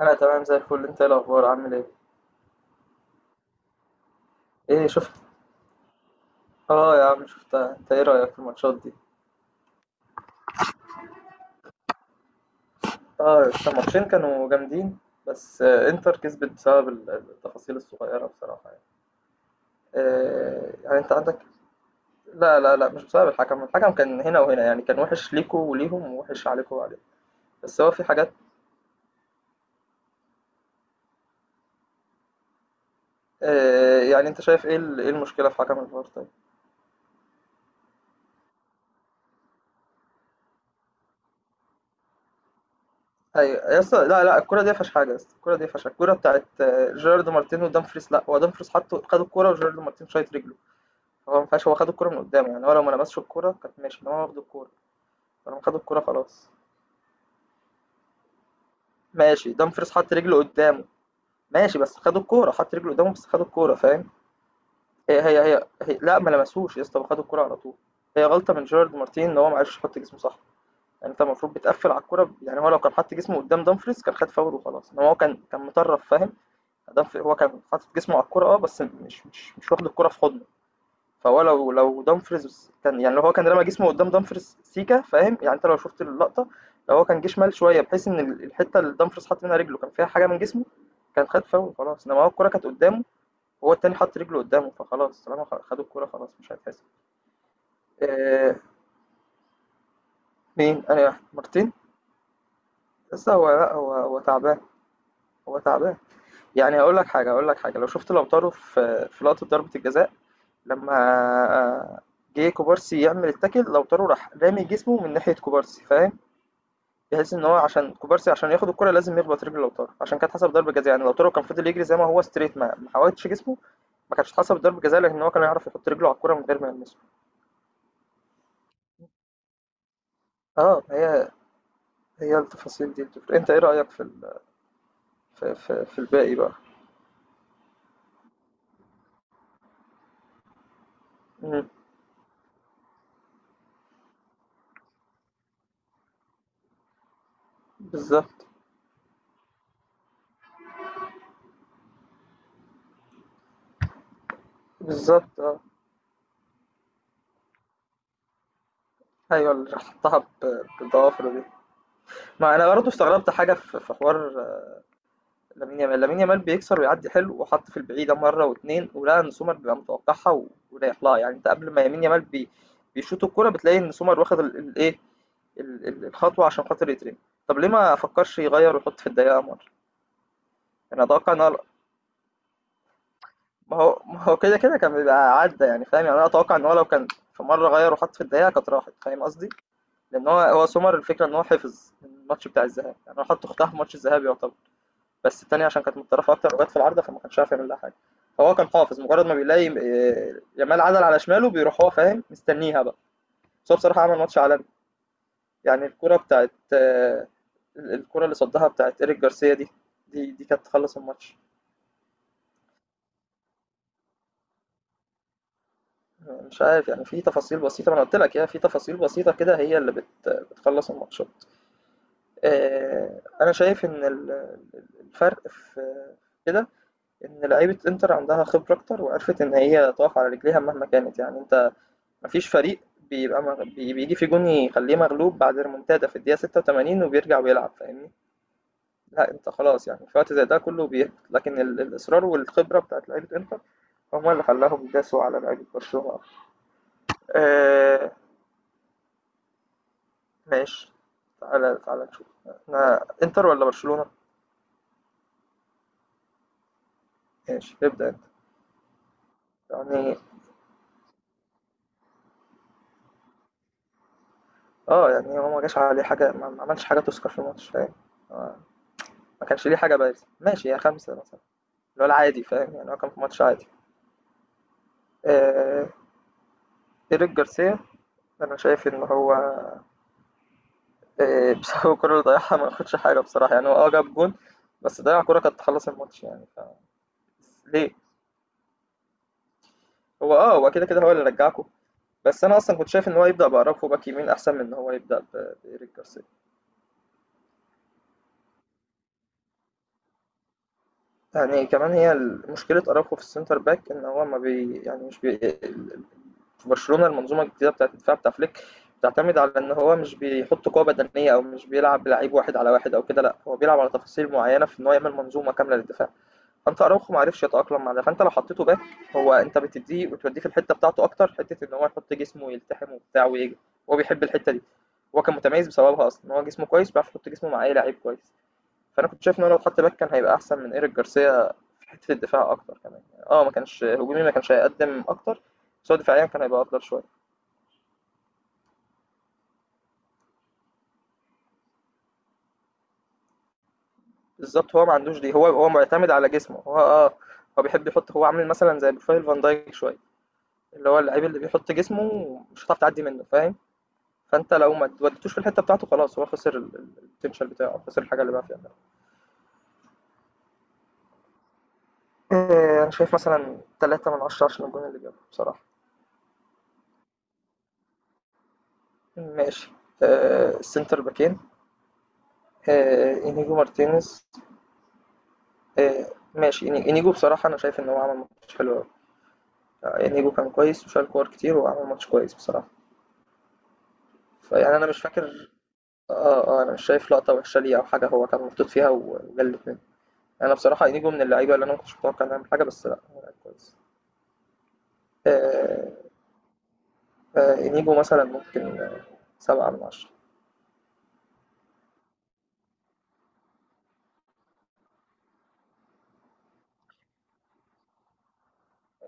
انا تمام زي الفل. انت ايه الاخبار، عامل ايه؟ ايه شفت؟ اه يا عم شفتها. انت ايه رايك في الماتشات دي؟ اه الماتشين كانوا جامدين. بس انتر كسبت بسبب التفاصيل الصغيره بصراحه يعني. يعني انت عندك. لا لا لا، مش بسبب الحكم. الحكم كان هنا وهنا، يعني كان وحش ليكوا وليهم، ووحش عليكوا وعليهم. بس هو في حاجات. يعني انت شايف ايه ايه المشكله في حكم الفار طيب؟ ايوه يا اسطى، لا لا الكره دي ما فيهاش حاجه يا اسطى، الكره دي ما فيهاش حاجة. الكره بتاعت جيرارد مارتين ودامفريس، لا هو دامفريس حطه، خد الكره وجيرارد مارتين شايط رجله. هو ما ينفعش، هو خد الكورة من قدامه. يعني هو لو ما لمسش الكورة كانت ماشي، انما هو واخد الكورة. فلما خد الكورة خلاص. ماشي دامفريز حط رجله قدامه. ماشي بس خد الكورة، حط رجله قدامه بس خد الكورة، فاهم؟ هي, لا ما لمسوش يا اسطى، خد الكورة على طول. هي غلطة من جيرارد مارتين ان هو ما عرفش يحط جسمه صح. يعني انت المفروض بتقفل على الكورة، يعني هو لو كان حط جسمه قدام دامفريز كان خد فاول وخلاص، انما هو كان مطرف فاهم. دامفريز هو كان حاطط جسمه على الكورة اه، بس مش واخد الكورة في حضنه. فهو لو دامفريز كان يعني، لو هو كان رمى جسمه قدام دامفريز سيكا فاهم، يعني انت لو شفت اللقطه، لو هو كان جه شمال شويه بحيث ان الحته اللي دامفريز حاط منها رجله كان فيها حاجه من جسمه كان خد فاول خلاص. انما هو الكره كانت قدامه، وهو التاني حط رجله قدامه، فخلاص طالما خدوا الكره خلاص مش هيتحسب. آه. مين؟ انا واحد مارتين. لسه، هو لا هو تعبان. هو تعبان. يعني هقول لك حاجه، هقول لك حاجه، لو شفت، لو في لقطه ضربه الجزاء لما آه، جه كوبارسي يعمل التاكل، لو راح رامي جسمه من ناحيه كوبارسي فاهم، بحيث ان هو عشان كوبارسي عشان ياخد الكرة لازم يخبط رجل لوتارو، عشان كانت حسب ضربة جزاء. يعني لوتارو كان فضل يجري زي ما هو ستريت، ما حاولتش جسمه، ما كانتش حسب ضربة جزاء، لكن هو كان يعرف يحط رجله على الكرة من غير ما يلمسها. اه هي. هي التفاصيل دي اللي بتفرق. انت ايه رأيك في ال... في الباقي بقى؟ مم. بالظبط بالظبط اه. ايوه اللي حطها بالضوافر دي. ما انا برضه استغربت حاجة في حوار. لامين يامال بيكسر ويعدي حلو، وحط في البعيدة مرة واتنين، ولقى ان سومر بيبقى متوقعها ورايح لها. يعني انت قبل ما يمين يامال بيشوط الكورة بتلاقي ان سومر واخد الايه، الخطوة عشان خاطر يترمي. طب ليه ما فكرش يغير ويحط في الدقيقة مرة؟ يعني اتوقع ان هو، ما هو كده كده كان بيبقى عدى يعني فاهم. يعني انا اتوقع ان هو لو كان في مرة غير وحط في الدقيقة كانت راحت، فاهم قصدي؟ لان هو سومر، الفكرة ان هو حفظ الماتش بتاع الذهاب. يعني هو حط اختها في ماتش الذهاب يعتبر، بس التانية عشان كانت متطرفة أكتر وجت في العارضة فما كانش عارف يعمل لها حاجة. فهو كان حافظ، مجرد ما بيلاقي يامال عدل على شماله بيروح هو فاهم، مستنيها بقى. بس هو بصراحة عمل ماتش عالمي. يعني الكرة بتاعت الكرة اللي صدها بتاعت إيريك جارسيا دي، دي كانت تخلص الماتش. مش عارف، يعني في تفاصيل بسيطة، ما أنا قلت لك يا في تفاصيل بسيطة كده، هي اللي بتخلص الماتشات. أنا شايف إن الفرق في كده، إن لعيبة إنتر عندها خبرة أكتر، وعرفت إن هي تقف على رجليها مهما كانت. يعني أنت مفيش فريق بيبقى بيجي في جون يخليه مغلوب بعد ريمونتادا في الدقيقة 86 وبيرجع ويلعب فاهمني؟ لا انت خلاص يعني في وقت زي ده كله بيهبط، لكن ال... الإصرار والخبرة بتاعت لعيبة انتر هم اللي خلاهم يداسوا على لعيبة برشلونة. آه... ماشي. تعالى نشوف، احنا انتر ولا برشلونة؟ ماشي ابدأ انت. يعني اه، يعني هو ما جاش عليه حاجة، ما عملش حاجة تذكر في الماتش فاهم. آه، ما كانش ليه حاجة بارزة، ماشي يا خمسة مثلا، اللي هو العادي فاهم. يعني هو كان في ماتش عادي. آه... إيريك جارسيا، أنا شايف إن هو بسبب الكرة اللي ضيعها ما ياخدش حاجة بصراحة. يعني هو آه جاب جون، بس ضيّع كرة كانت تخلّص الماتش يعني ف... ليه؟ هو هو كده، كده هو اللي رجّعكم. بس أنا أصلًا كنت شايف إن هو يبدأ بأراوخو باك يمين أحسن من إن هو يبدأ بإيريك جارسيا. يعني كمان هي ال مشكلة أراوخو في الcenter back إن هو ما يعني مش ال- في برشلونة المنظومة الجديدة بتاعة الدفاع بتاع فليك بتعتمد على إن هو مش بيحُط قوة بدنية، أو مش بيلعب بلعيب واحد على واحد أو كده، لأ. هو بيلعب على تفاصيل معيّنة في إن هو يعمل منظومة كاملة للدفاع. انت اراوخو ما عرفش يتاقلم مع ده، فانت لو حطيته باك هو، انت بتديه وتوديه في الحته بتاعته، اكتر حته ان هو يحط جسمه ويلتحم وبتاع ويجري. هو بيحب الحته دي، هو كان متميز بسببها اصلا، ان هو جسمه كويس بيعرف يحط جسمه مع اي لعيب كويس. فانا كنت شايف ان هو لو اتحط باك كان هيبقى احسن من ايريك جارسيا في حته الدفاع اكتر كمان. يعني اه ما كانش هجومي، ما كانش هيقدم اكتر، بس هو دفاعيا كان هيبقى افضل شويه. بالظبط، هو ما عندوش دي، هو معتمد على جسمه، هو اه هو بيحب يحط، هو عامل مثلا زي بروفايل فان دايك شويه، اللي هو اللعيب اللي بيحط جسمه مش هتعرف تعدي منه فاهم. فانت لو ما وديتوش في الحته بتاعته خلاص هو خسر البوتنشال بتاعه، خسر الحاجه اللي بقى فيها. انا شايف مثلا 3 من 10 عشان الجون اللي جابه بصراحه. ماشي. السنتر باكين، انيجو مارتينيز. آه، ماشي، انيجو بصراحه انا شايف ان هو عمل ماتش حلو قوي. انيجو كان كويس، وشال كور كتير، وعمل ماتش كويس بصراحه. فيعني انا مش فاكر اه اه، انا مش شايف لقطه وحشه ليه او حاجه هو كان محطوط فيها وجلت منه. انا بصراحه انيجو من اللعيبه اللي انا ما كنتش متوقع انه يعمل حاجه، بس لا هو لعيب كويس. آه، انيجو مثلا ممكن، سبعة من عشرة.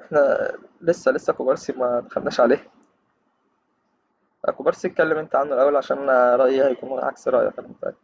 احنا لسه، كوبارسي ما دخلناش عليه. كوبارسي، اتكلم انت عنه الأول عشان أنا رأيي هيكون عكس رأيك، أنا متأكد.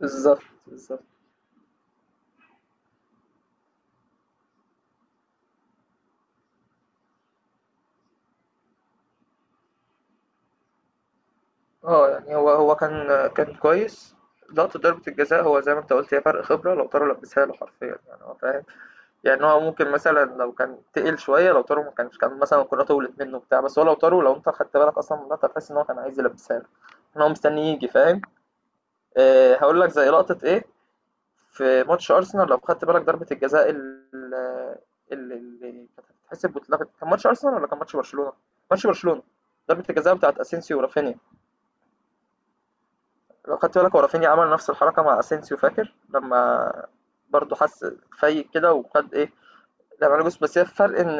بالظبط بالظبط اه. يعني هو كان كان كويس. لقطة ضربة الجزاء هو زي ما انت قلت، هي فرق خبرة، لو طاروا لبسها له حرفيا يعني هو فاهم. يعني هو ممكن مثلا لو كان تقل شوية، لو طاروا ما كانش، كان مثلا الكرة طولت منه بتاع، بس هو لو طاروا، لو انت خدت بالك أصلا من اللقطة تحس إن هو كان عايز يلبسها له، إن هو مستني يجي فاهم. هقول لك زي لقطة ايه، في ماتش أرسنال لو خدت بالك، ضربة الجزاء ال- اللي كانت هتتحسب واتلغت، كان ماتش أرسنال ولا كان ماتش برشلونة؟ ماتش برشلونة، ضربة الجزاء بتاعت أسينسيو ورافينيا. لو خدت بالك هو رافينيا عمل نفس الحركة مع أسينسيو، فاكر؟ لما برضه حس فايق كده وخد إيه، لما عمل جوز. بس هي الفرق إن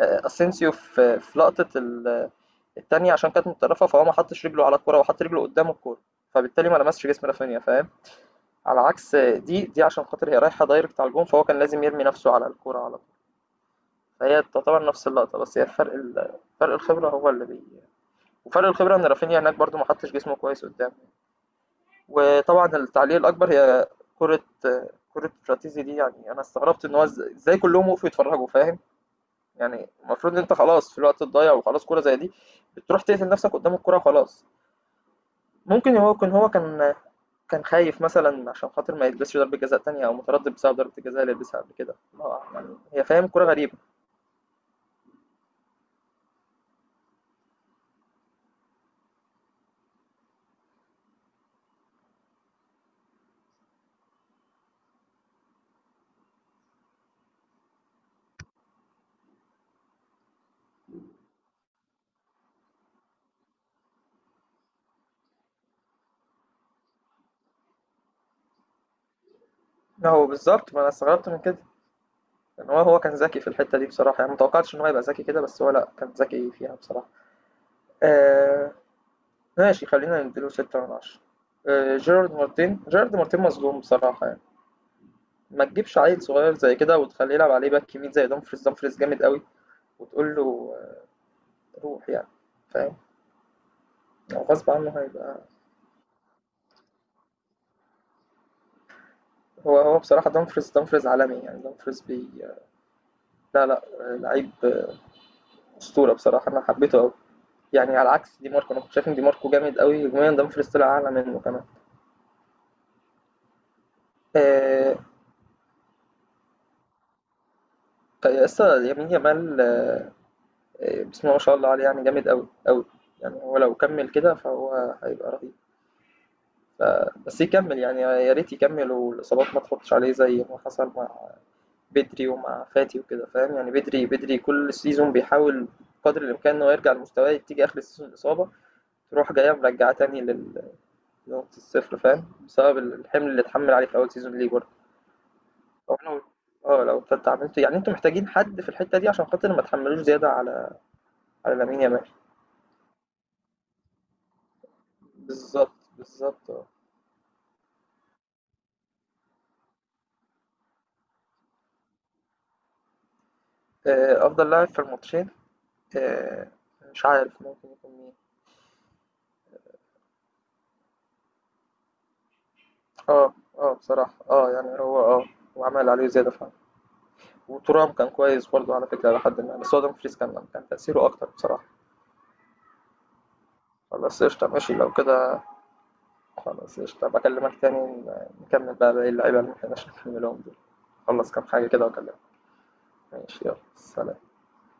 أسينسيو في لقطة التانية عشان كانت متطرفة، فهو ما حطش رجله على الكورة، وحط رجله قدام الكورة، فبالتالي ما لمسش جسم رافينيا فاهم؟ على عكس دي، عشان خاطر هي رايحة دايركت على الجون، فهو كان لازم يرمي نفسه على الكورة على طول. فهي تعتبر نفس اللقطة، بس هي الفرق فرق الخبرة هو اللي وفرق الخبرة ان رافينيا هناك برضو ما حطش جسمه كويس قدام. وطبعا التعليق الأكبر، هي كرة كرة فراتيزي دي. يعني أنا استغربت ان هو ازاي كلهم وقفوا يتفرجوا فاهم؟ يعني المفروض ان انت خلاص في الوقت الضايع، وخلاص كورة زي دي بتروح تقتل نفسك قدام الكورة خلاص. ممكن هو كان، كان خايف مثلًا عشان خاطر ما يلبسش ضربة جزاء تانية، أو متردد بسبب ضربة الجزاء اللي لبسها قبل كده. ما هو يعني هي فاهم كورة غريبة. أهو بالضبط، ما أنا استغربت من كده، إن هو كان ذكي في الحتة دي بصراحة. يعني ما توقعتش إن هو يبقى ذكي كده، بس هو لأ، كان ذكي فيها بصراحة. آآ ماشي، خلّينا ندّي له 6/10. جيرارد مارتين، جيرارد مارتين مظلوم بصراحة يعني، ما تجيبش عيل صغير زي كده وتخلّيه يلعب عليه باك يمين زي دومفريز، دومفريز جامد أوي، وتقول له روح يعني فاهم، هو غصب عنّه هي. هو بصراحة، دامفريز عالمي، يعني دامفريز لا لا، لعيب أسطورة بصراحة، أنا حبيته أوي. يعني على عكس دي ماركو، أنا كنت شايف إن دي ماركو جامد أوي هجوميا، دامفريز طلع أعلى منه كمان. آه، لسه يمين يامال، بسم الله ما شاء الله عليه، يعني جامد أوي أوي. يعني هو لو كمل كده فهو هيبقى رهيب، بس يكمل يعني، يا ريت يكمل والإصابات ما تحطش عليه زي ما حصل مع بدري ومع فاتي وكده فاهم. يعني بدري كل سيزون بيحاول قدر الإمكان إنه يرجع لمستواه، تيجي آخر السيزون الإصابة تروح جاية مرجعاه تاني لنقطة الصفر فاهم، بسبب الحمل اللي اتحمل عليه في أول سيزون ليه برضه. أو لو اه لو كنت عملته، يعني انتوا محتاجين حد في الحتة دي عشان خاطر ما تحملوش زيادة على لامين يامال. بالظبط بالظبط اه. أفضل لاعب في الماتشين، آه، مش عارف ممكن يكون مين. اه اه بصراحة اه، يعني هو اه هو عمل عليه زيادة فعلا. وترام كان كويس برضه على فكرة لحد ما، بس هو دومفريز كان، كان تأثيره أكتر بصراحة. خلاص قشطة ماشي لو كده، خلاص قشطة، هابقى أكلمك تاني نكمل بقى باقي اللعيبة اللي ما لحقناش نكملهم دول. أخلّص كام حاجة كده وأكلمك. ماشي يلا سلام.